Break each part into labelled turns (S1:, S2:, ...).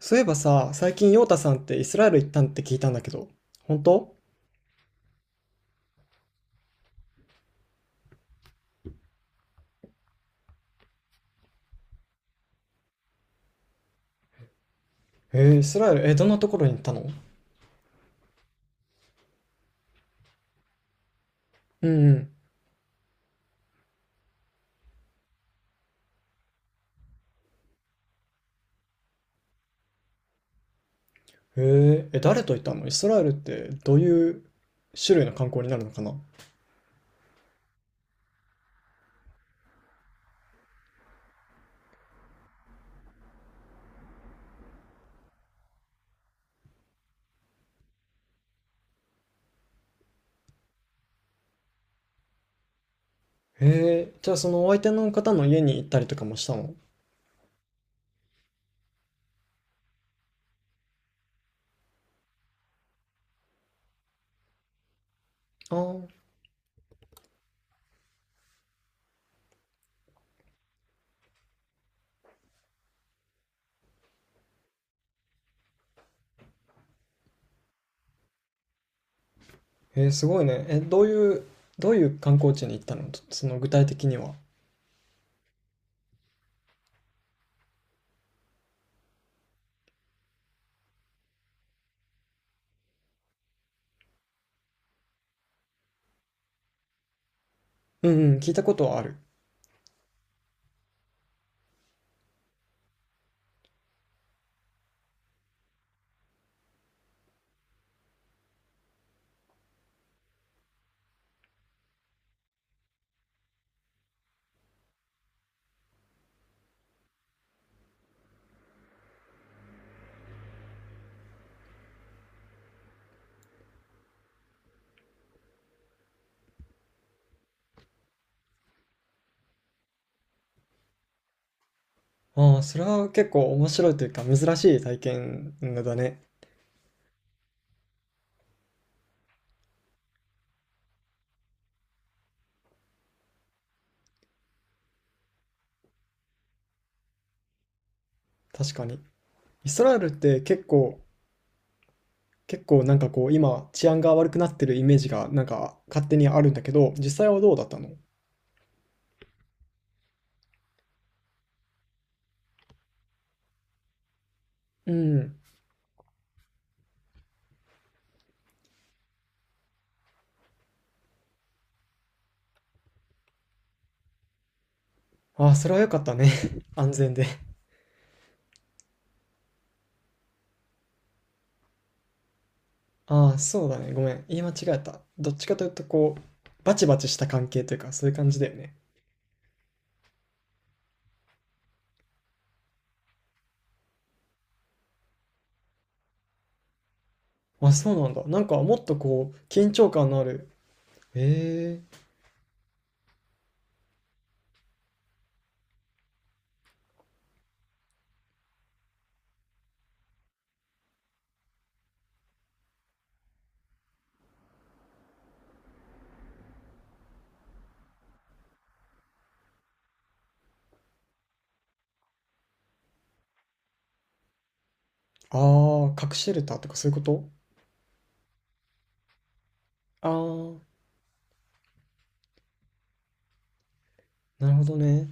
S1: そういえばさ、最近ヨータさんってイスラエル行ったんって聞いたんだけど、本当？イスラエル、どんなところに行ったの？うんうん。誰と行ったの？イスラエルってどういう種類の観光になるのかな？じゃあそのお相手の方の家に行ったりとかもしたの？ああ、すごいね。どういう観光地に行ったの？その具体的には。うんうん、聞いたことはある。ああ、それは結構面白いというか珍しい体験だね。確かに。イスラエルって結構なんかこう今治安が悪くなってるイメージがなんか勝手にあるんだけど、実際はどうだったの？うん。ああ、それは良かったね。安全で。ああ、そうだね。ごめん。言い間違えた。どっちかというとこう、バチバチした関係というか、そういう感じだよね。あ、そうなんだ。なんかもっとこう、緊張感のある。ええー。ああ、核シェルターとかそういうこと？ああ、なるほどね。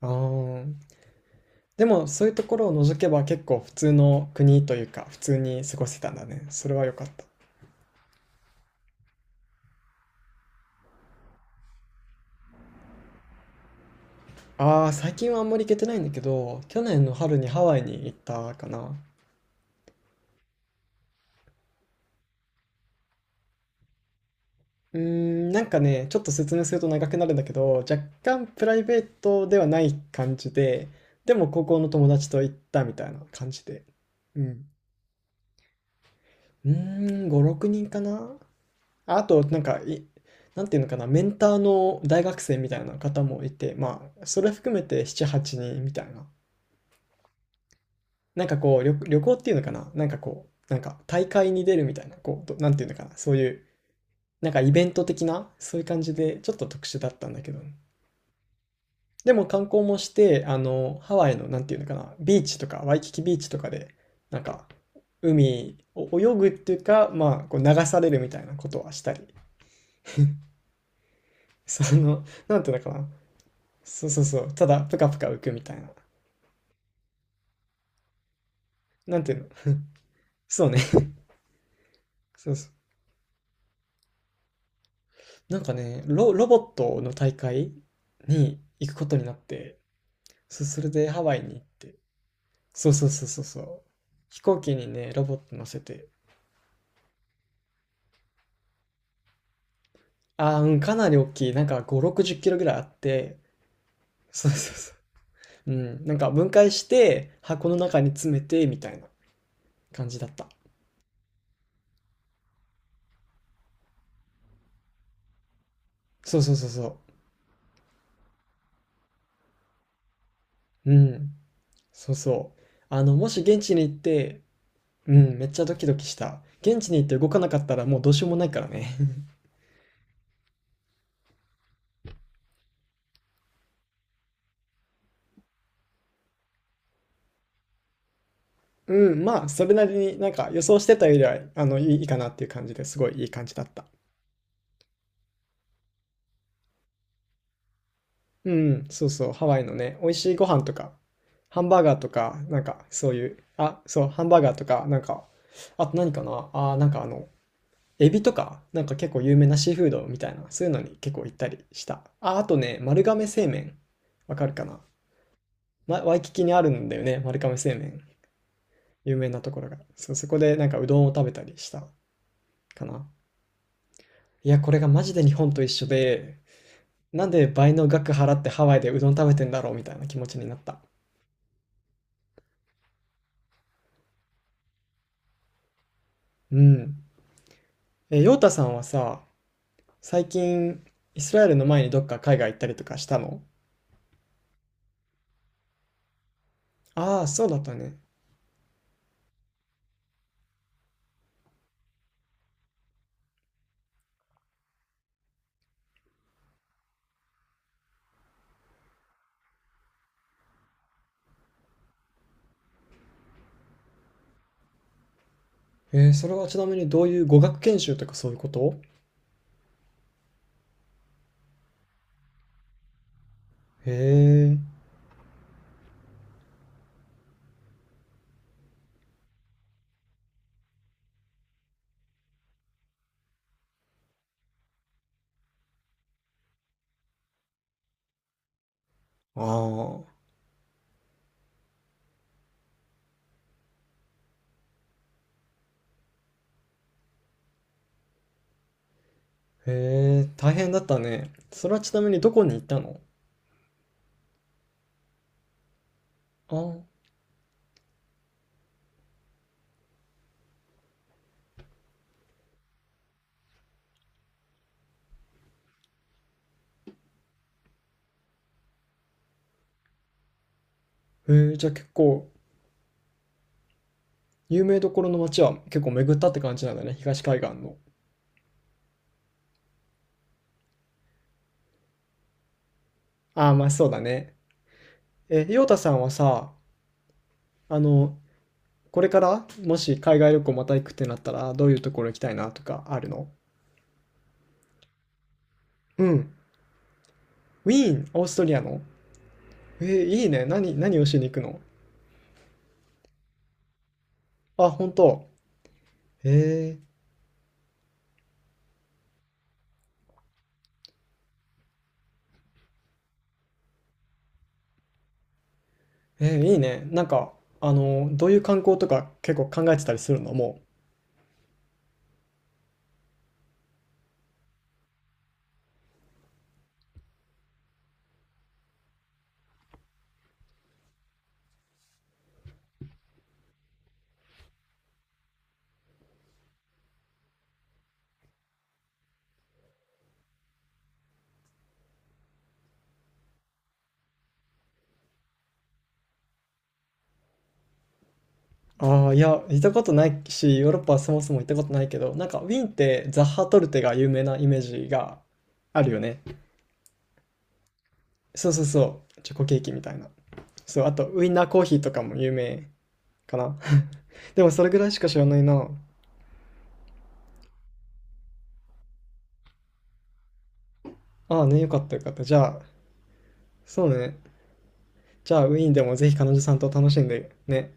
S1: ああ。でもそういうところを除けば結構普通の国というか、普通に過ごせたんだね。それは良かった。ああ、最近はあんまり行けてないんだけど、去年の春にハワイに行ったかな。うーん、なんかね、ちょっと説明すると長くなるんだけど、若干プライベートではない感じで、でも高校の友達と行ったみたいな感じで。うん。うーん、5、6人かな。ああと、なんか、なんていうのかな、メンターの大学生みたいな方もいて、まあ、それ含めて7、8人みたいな。なんかこう、旅行っていうのかな、なんかこう、なんか大会に出るみたいな、こう、なんていうのかな、そういうなんかイベント的な、そういう感じで、ちょっと特殊だったんだけど。でも観光もして、あの、ハワイの、なんていうのかな、ビーチとか、ワイキキビーチとかで、なんか、海を泳ぐっていうか、まあ、こう流されるみたいなことはしたり、その、なんていうのかな、そうそうそう、ただ、ぷかぷか浮くみたいな。なんていうの、そうね、そうそう。なんかね、ロボットの大会に行くことになって、それでハワイに行って、そうそうそうそうそう。飛行機にね、ロボット乗せて、ああ、うん、かなり大きい。なんか5、60キロぐらいあって、そうそうそう。うん、なんか分解して、箱の中に詰めて、みたいな感じだった。そうそうそうそう。うん、そうそう。あの、もし現地に行って、うん、めっちゃドキドキした。現地に行って動かなかったらもうどうしようもないからね。うん、まあ、それなりになんか予想してたよりは、あの、いいいいかなっていう感じですごいいい感じだった。うん、そうそう、ハワイのね、美味しいご飯とか、ハンバーガーとか、なんかそういう、あ、そう、ハンバーガーとか、なんか、あと何かな、あー、なんかあの、エビとか、なんか結構有名なシーフードみたいな、そういうのに結構行ったりした。あ、あとね、丸亀製麺、わかるかな、ま、ワイキキにあるんだよね、丸亀製麺、有名なところが。そう、そこでなんかうどんを食べたりしたかな。いや、これがマジで日本と一緒で、なんで倍の額払ってハワイでうどん食べてんだろうみたいな気持ちになった。うん。ヨータさんはさ、最近、イスラエルの前にどっか海外行ったりとかしたの？ああそうだったね。それはちなみにどういう語学研修とかそういうこと？へえ、ああ、へえ、大変だったね。それはちなみにどこに行ったの？ああー、へえ、じゃあ結構、有名どころの街は結構巡ったって感じなんだね、東海岸の。ああ、まあそうだね。ヨータさんはさ、あの、これからもし海外旅行また行くってなったら、どういうところ行きたいなとかあるの？うん。ウィーン、オーストリアの。えー、いいね。何をしに行くの？あ、本当？ええー、いいね。なんか、あの、どういう観光とか結構考えてたりするのもう？ああ、いや、行ったことないし、ヨーロッパはそもそも行ったことないけど、なんか、ウィーンってザッハトルテが有名なイメージがあるよね。そうそうそう。チョコケーキみたいな。そう、あと、ウインナーコーヒーとかも有名かな。でも、それぐらいしか知らないな。ああね、よかったよかった。じゃあ、そうね。じゃあ、ウィーンでもぜひ彼女さんと楽しんでね。